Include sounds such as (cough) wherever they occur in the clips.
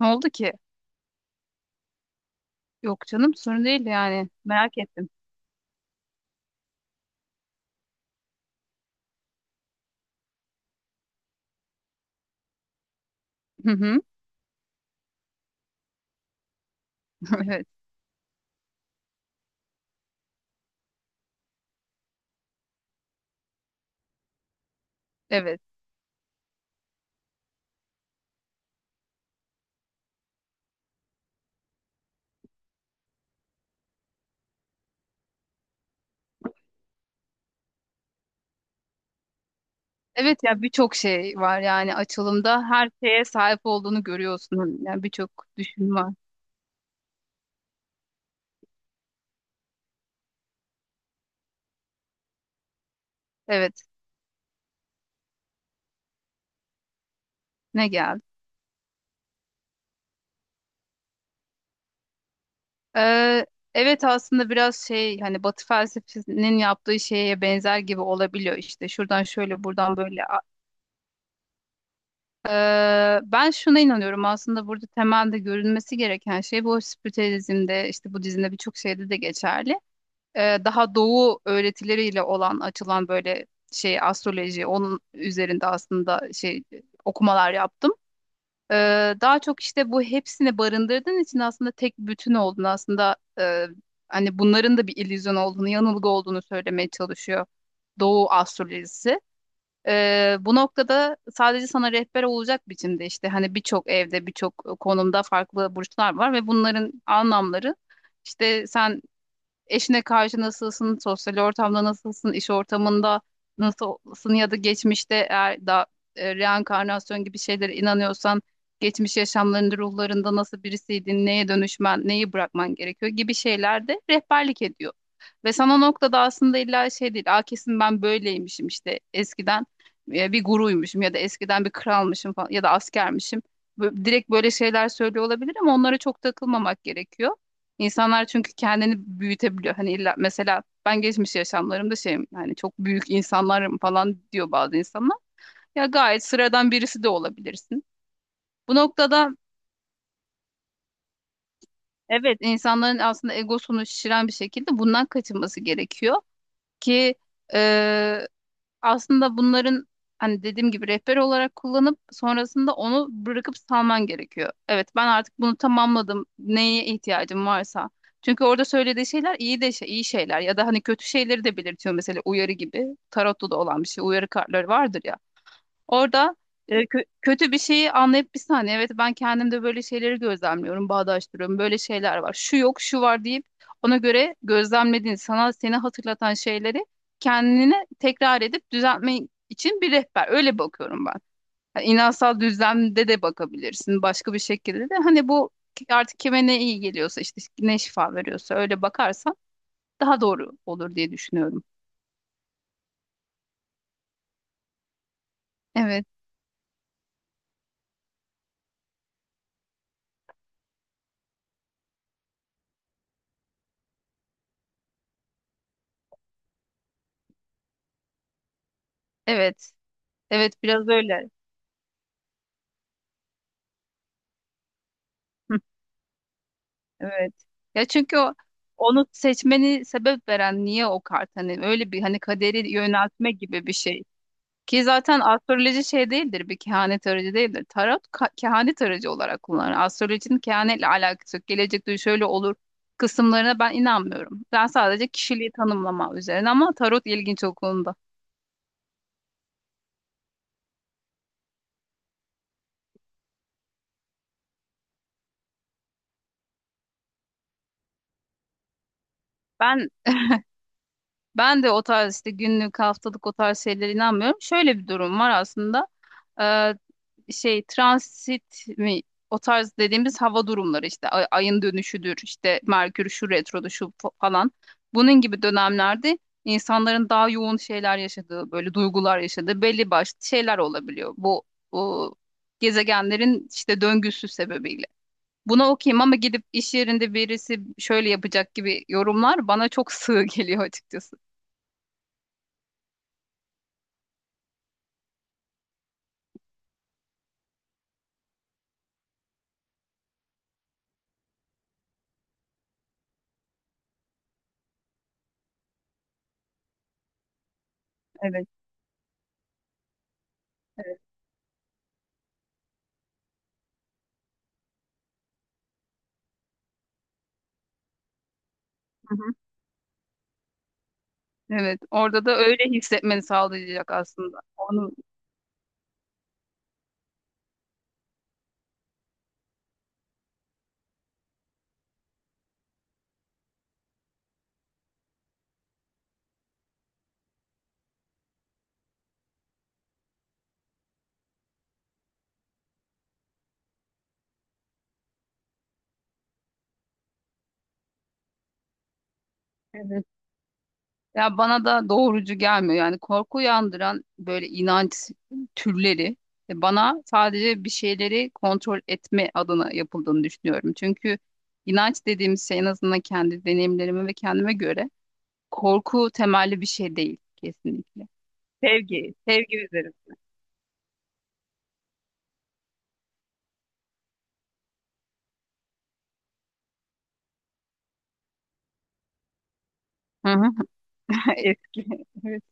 Ne oldu ki? Yok canım, sorun değil yani. Merak ettim. Hı hı. (laughs) Evet. Evet. Evet ya, birçok şey var yani açılımda her şeye sahip olduğunu görüyorsun. Yani birçok düşün var. Evet. Ne geldi? Ee, evet aslında biraz hani Batı felsefesinin yaptığı şeye benzer gibi olabiliyor işte. Şuradan şöyle, buradan böyle. Ben şuna inanıyorum, aslında burada temelde görülmesi gereken şey bu, spritüelizmde, işte Budizm'de, birçok şeyde de geçerli. Daha doğu öğretileriyle olan açılan böyle astroloji onun üzerinde aslında okumalar yaptım. E, Daha çok işte bu hepsini barındırdığın için aslında tek bütün olduğunu, aslında hani bunların da bir illüzyon olduğunu, yanılgı olduğunu söylemeye çalışıyor Doğu astrolojisi. Bu noktada sadece sana rehber olacak biçimde, işte hani, birçok evde birçok konumda farklı burçlar var ve bunların anlamları işte sen eşine karşı nasılsın, sosyal ortamda nasılsın, iş ortamında nasılsın ya da geçmişte, eğer reenkarnasyon gibi şeylere inanıyorsan, geçmiş yaşamlarında, ruhlarında nasıl birisiydin, neye dönüşmen, neyi bırakman gerekiyor gibi şeylerde rehberlik ediyor. Ve sana o noktada aslında illa değil, "Aa, kesin ben böyleymişim işte eskiden, bir guruymuşum ya da eskiden bir kralmışım falan ya da askermişim." Direkt böyle şeyler söylüyor olabilir, ama onlara çok takılmamak gerekiyor. İnsanlar çünkü kendini büyütebiliyor. Hani illa, mesela, "Ben geçmiş yaşamlarımda şeyim, hani çok büyük insanlarım" falan diyor bazı insanlar. Ya gayet sıradan birisi de olabilirsin. Bu noktada evet, insanların aslında egosunu şişiren bir şekilde bundan kaçınması gerekiyor ki aslında bunların, hani dediğim gibi, rehber olarak kullanıp sonrasında onu bırakıp salman gerekiyor. Evet, ben artık bunu tamamladım. Neye ihtiyacım varsa. Çünkü orada söylediği şeyler iyi de iyi şeyler ya da hani kötü şeyleri de belirtiyor mesela, uyarı gibi. Tarotta da olan bir şey. Uyarı kartları vardır ya. Orada kötü bir şeyi anlayıp, bir saniye, evet ben kendimde böyle şeyleri gözlemliyorum, bağdaştırıyorum. Böyle şeyler var. Şu yok, şu var deyip ona göre gözlemlediğin, sana seni hatırlatan şeyleri kendine tekrar edip düzeltme için bir rehber. Öyle bakıyorum ben. Yani inansal düzlemde de bakabilirsin, başka bir şekilde de. Hani bu artık kime ne iyi geliyorsa, işte ne şifa veriyorsa, öyle bakarsan daha doğru olur diye düşünüyorum. Evet, evet. Evet, biraz öyle. Evet. Ya çünkü onu seçmeni sebep veren niye o kart, hani öyle bir hani kaderi yöneltme gibi bir şey. Ki zaten astroloji şey değildir bir kehanet aracı değildir. Tarot kehanet aracı olarak kullanılır. Astrolojinin kehanetle alakası yok. "Gelecek, diyor, şöyle olur" kısımlarına ben inanmıyorum. Ben sadece kişiliği tanımlama üzerine, ama tarot ilginç o konuda. Ben ben de o tarz işte günlük, haftalık, o tarz şeylere inanmıyorum. Şöyle bir durum var aslında. Transit mi, o tarz dediğimiz hava durumları, işte ayın dönüşüdür, işte Merkür şu retrodu şu falan, bunun gibi dönemlerde insanların daha yoğun şeyler yaşadığı, böyle duygular yaşadığı belli başlı şeyler olabiliyor, bu gezegenlerin işte döngüsü sebebiyle. Buna okuyayım, ama "Gidip iş yerinde birisi şöyle yapacak" gibi yorumlar bana çok (laughs) sığ geliyor açıkçası. Evet. Hı hı. Evet, orada da öyle hissetmeni sağlayacak aslında. Onu… Evet. Ya bana da doğrucu gelmiyor. Yani korku uyandıran böyle inanç türleri, bana sadece bir şeyleri kontrol etme adına yapıldığını düşünüyorum. Çünkü inanç dediğimiz şey, en azından kendi deneyimlerime ve kendime göre, korku temelli bir şey değil kesinlikle. Sevgi, sevgi üzerim. Hı hı. (laughs) Eski. Evet.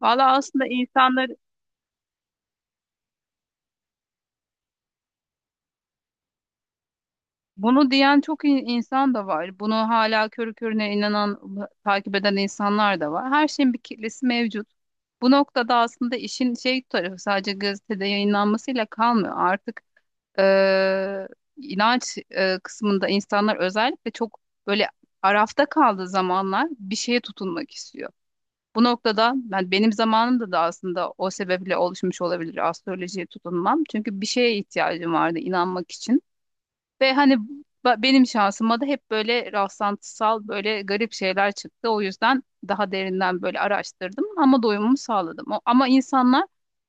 Valla aslında insanların… Bunu diyen çok insan da var. Bunu hala körü körüne inanan, takip eden insanlar da var. Her şeyin bir kitlesi mevcut. Bu noktada aslında işin tarafı sadece gazetede yayınlanmasıyla kalmıyor. Artık e, inanç kısmında insanlar özellikle çok böyle arafta kaldığı zamanlar bir şeye tutunmak istiyor. Bu noktada ben, benim zamanımda da aslında o sebeple oluşmuş olabilir astrolojiye tutunmam. Çünkü bir şeye ihtiyacım vardı inanmak için. Ve hani benim şansıma da hep böyle rastlantısal, böyle garip şeyler çıktı. O yüzden daha derinden böyle araştırdım ama doyumumu sağladım. Ama insanlar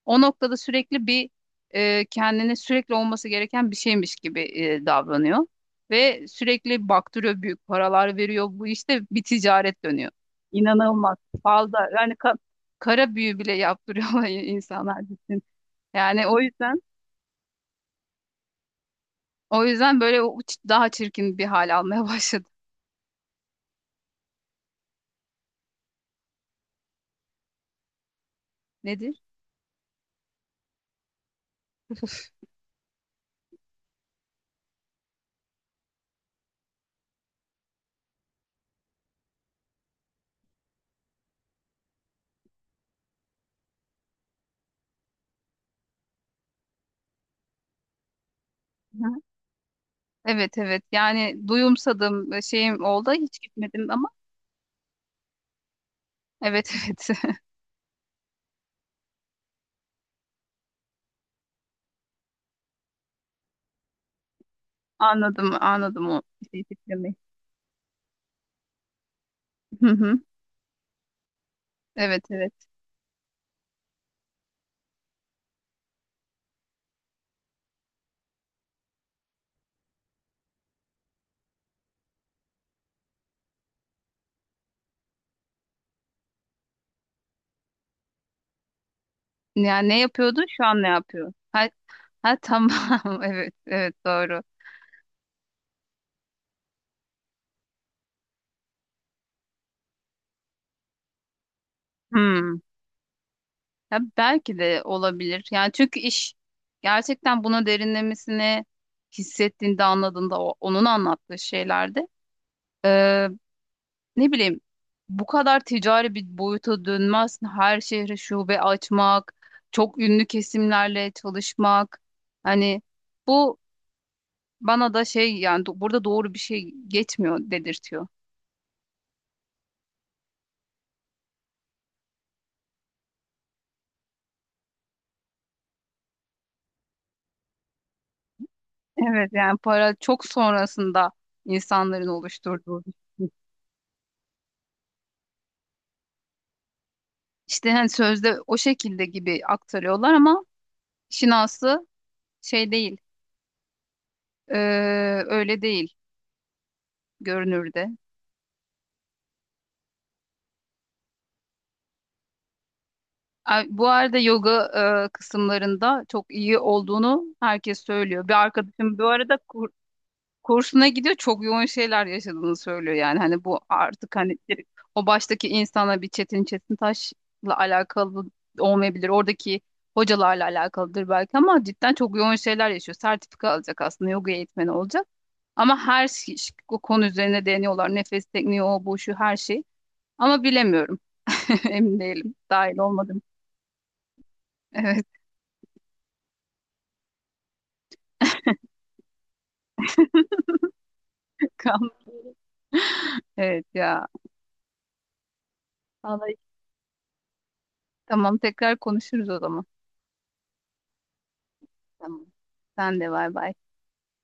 o noktada sürekli bir, kendine sürekli olması gereken bir şeymiş gibi davranıyor. Ve sürekli baktırıyor, büyük paralar veriyor. Bu, işte bir ticaret dönüyor. İnanılmaz. Fazla yani, kara büyü bile yaptırıyorlar (laughs) insanlar, gitsin. Yani o yüzden böyle daha çirkin bir hal almaya (laughs) başladı. Nedir? Hı. Evet evet, yani duyumsadım, şeyim oldu, hiç gitmedim ama evet (laughs) evet, anladım anladım o fikrimi. Hı hı. Evet evet. Yani ne yapıyordu, şu an ne yapıyor? Ha, ha tamam (laughs) evet evet, doğru. Hmm. Ya belki de olabilir yani, çünkü iş gerçekten buna derinlemesine hissettiğinde, anladığında, o, onun anlattığı şeylerde, ne bileyim, bu kadar ticari bir boyuta dönmez. Her şehre şube açmak, çok ünlü kesimlerle çalışmak. Hani bu bana da yani, burada doğru bir şey geçmiyor dedirtiyor. Evet yani para çok sonrasında insanların oluşturduğu bir şey. İşte hani sözde o şekilde gibi aktarıyorlar ama işin aslı şey değil. Ee, öyle değil görünürde. Ay, bu arada yoga kısımlarında çok iyi olduğunu herkes söylüyor. Bir arkadaşım bu arada kursuna gidiyor, çok yoğun şeyler yaşadığını söylüyor, yani hani bu artık, hani direkt o baştaki insana, bir Çetin Çetintaş'la alakalı olmayabilir. Oradaki hocalarla alakalıdır belki, ama cidden çok yoğun şeyler yaşıyor. Sertifika alacak aslında, yoga eğitmeni olacak. Ama her şey o konu üzerine, deniyorlar. Nefes tekniği, o bu şu, her şey. Ama bilemiyorum. (laughs) Emin değilim. Dahil olmadım. Evet. (laughs) Evet ya. Vallahi tamam, tekrar konuşuruz o zaman. Tamam. Sen de, bay bay.